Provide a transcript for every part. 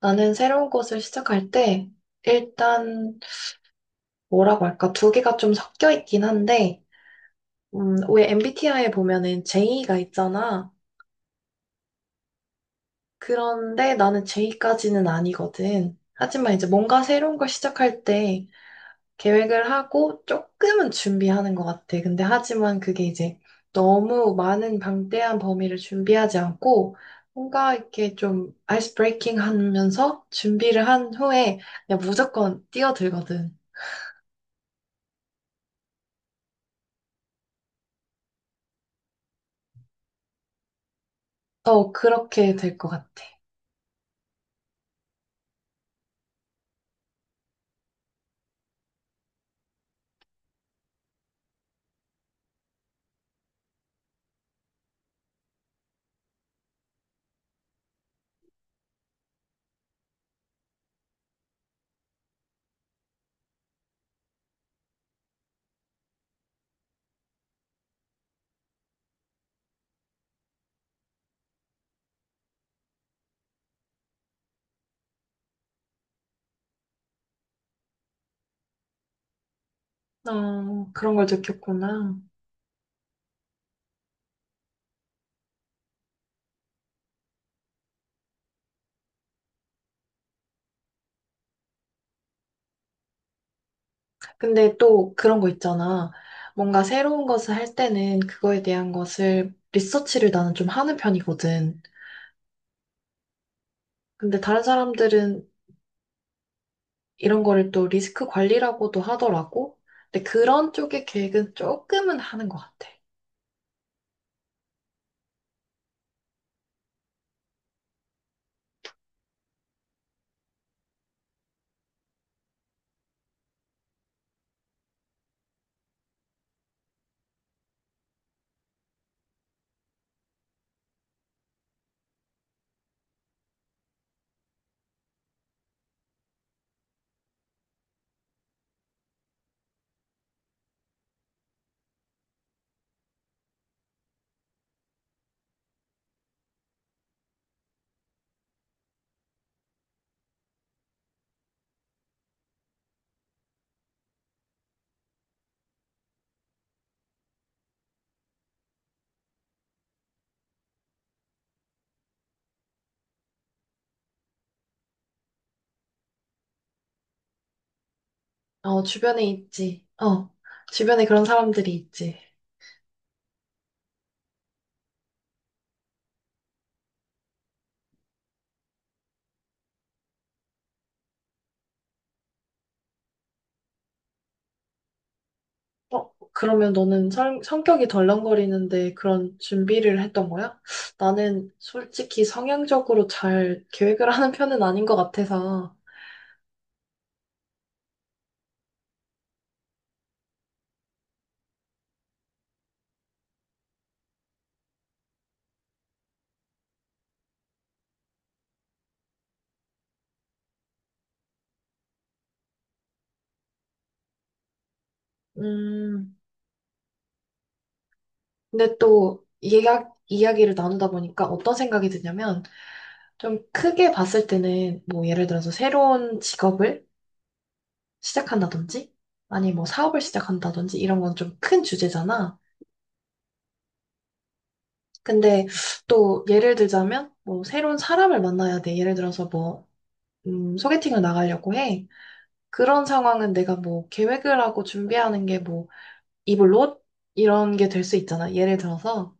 나는 새로운 곳을 시작할 때, 일단, 뭐라고 할까, 두 개가 좀 섞여 있긴 한데, 왜 MBTI에 보면은 J가 있잖아. 그런데 나는 J까지는 아니거든. 하지만 이제 뭔가 새로운 걸 시작할 때 계획을 하고 조금은 준비하는 것 같아. 근데 하지만 그게 이제 너무 많은 방대한 범위를 준비하지 않고, 뭔가 이렇게 좀 아이스 브레이킹 하면서 준비를 한 후에 그냥 무조건 뛰어들거든. 어, 그렇게 될 것 같아. 어, 그런 걸 느꼈구나. 근데 또 그런 거 있잖아. 뭔가 새로운 것을 할 때는 그거에 대한 것을 리서치를 나는 좀 하는 편이거든. 근데 다른 사람들은 이런 거를 또 리스크 관리라고도 하더라고. 근데 그런 쪽의 계획은 조금은 하는 것 같아. 어, 주변에 있지. 어, 주변에 그런 사람들이 있지. 어, 그러면 너는 성격이 덜렁거리는데 그런 준비를 했던 거야? 나는 솔직히 성향적으로 잘 계획을 하는 편은 아닌 것 같아서. 음, 근데 또 이야기를 나누다 보니까 어떤 생각이 드냐면 좀 크게 봤을 때는 뭐 예를 들어서 새로운 직업을 시작한다든지 아니 뭐 사업을 시작한다든지 이런 건 좀 큰 주제잖아. 근데 또 예를 들자면 뭐 새로운 사람을 만나야 돼. 예를 들어서 뭐 소개팅을 나가려고 해. 그런 상황은 내가 뭐 계획을 하고 준비하는 게 뭐 입을 옷? 이런 게 될 수 있잖아. 예를 들어서.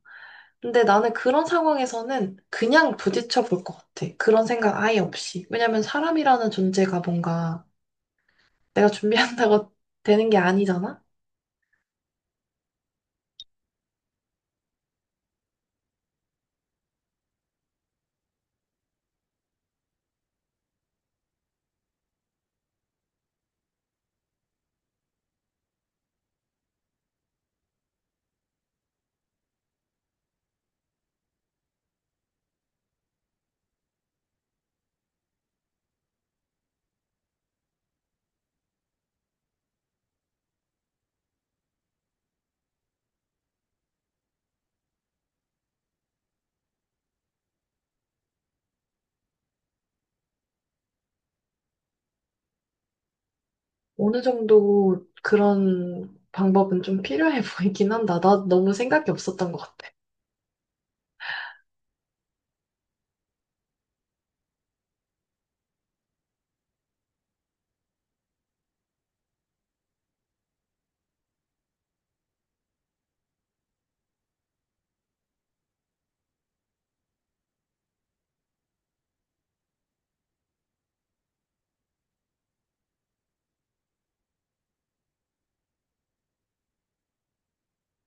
근데 나는 그런 상황에서는 그냥 부딪혀 볼 것 같아. 그런 생각 아예 없이. 왜냐면 사람이라는 존재가 뭔가 내가 준비한다고 되는 게 아니잖아? 어느 정도 그런 방법은 좀 필요해 보이긴 한다. 나 너무 생각이 없었던 것 같아.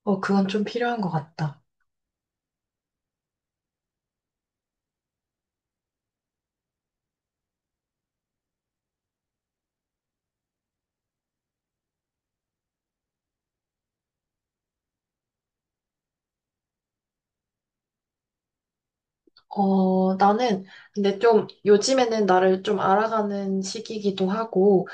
어, 그건 좀 필요한 것 같다. 어, 나는 근데 좀 요즘에는 나를 좀 알아가는 시기이기도 하고,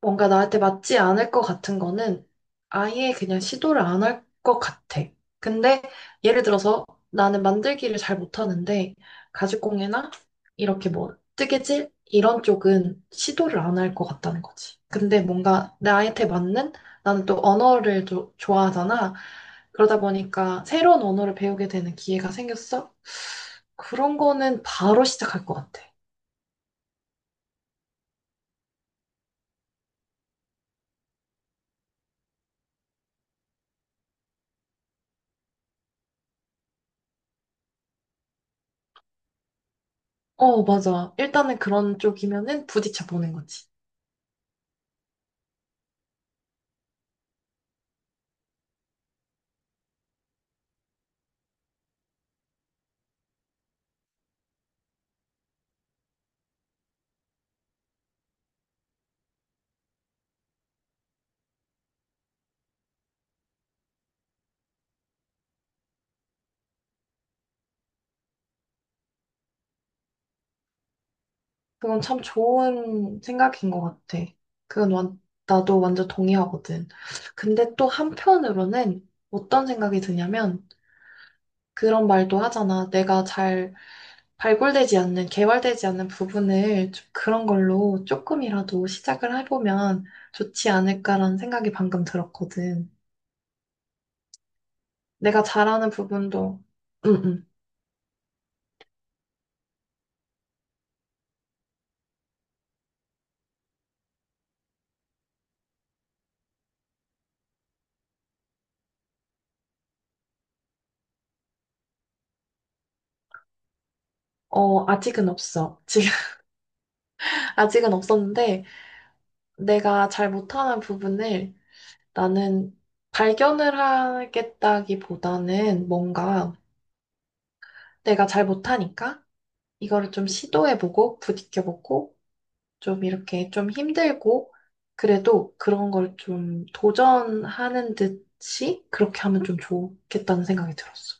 뭔가 나한테 맞지 않을 것 같은 거는 아예 그냥 시도를 안 할 것 같아. 근데 예를 들어서 나는 만들기를 잘 못하는데 가죽공예나 이렇게 뭐 뜨개질 이런 쪽은 시도를 안 할 것 같다는 거지. 근데 뭔가 나한테 맞는 나는 또 언어를 좋아하잖아. 그러다 보니까 새로운 언어를 배우게 되는 기회가 생겼어. 그런 거는 바로 시작할 것 같아. 어, 맞아. 일단은 그런 쪽이면은 부딪혀 보는 거지. 그건 참 좋은 생각인 것 같아. 그건 완, 나도 완전 동의하거든. 근데 또 한편으로는 어떤 생각이 드냐면 그런 말도 하잖아. 내가 잘 개발되지 않는 부분을 좀 그런 걸로 조금이라도 시작을 해보면 좋지 않을까라는 생각이 방금 들었거든. 내가 잘하는 부분도, 응, 응. 어, 아직은 없어. 지금 아직은 없었는데 내가 잘 못하는 부분을 나는 발견을 하겠다기보다는 뭔가 내가 잘 못하니까 이거를 좀 시도해보고 부딪혀보고 좀 이렇게 좀 힘들고 그래도 그런 걸 좀 도전하는 듯이 그렇게 하면 좀 좋겠다는 생각이 들었어.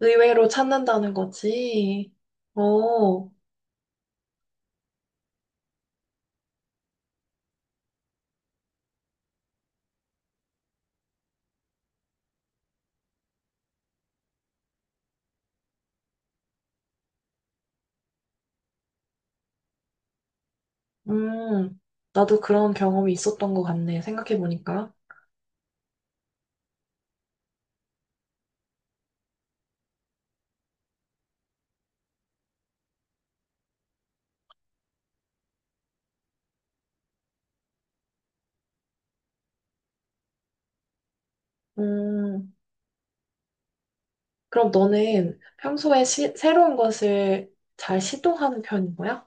의외로 찾는다는 거지. 어, 음, 나도 그런 경험이 있었던 것 같네. 생각해보니까. 음. 그럼 너는 평소에 새로운 것을 잘 시도하는 편인 거야?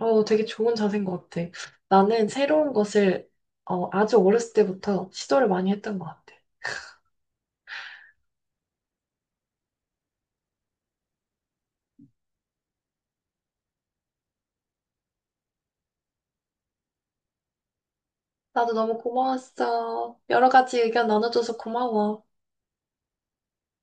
어, 되게 좋은 자세인 것 같아. 나는 새로운 것을 어, 아주 어렸을 때부터 시도를 많이 했던 것 같아. 나도 너무 고마웠어. 여러 가지 의견 나눠줘서 고마워.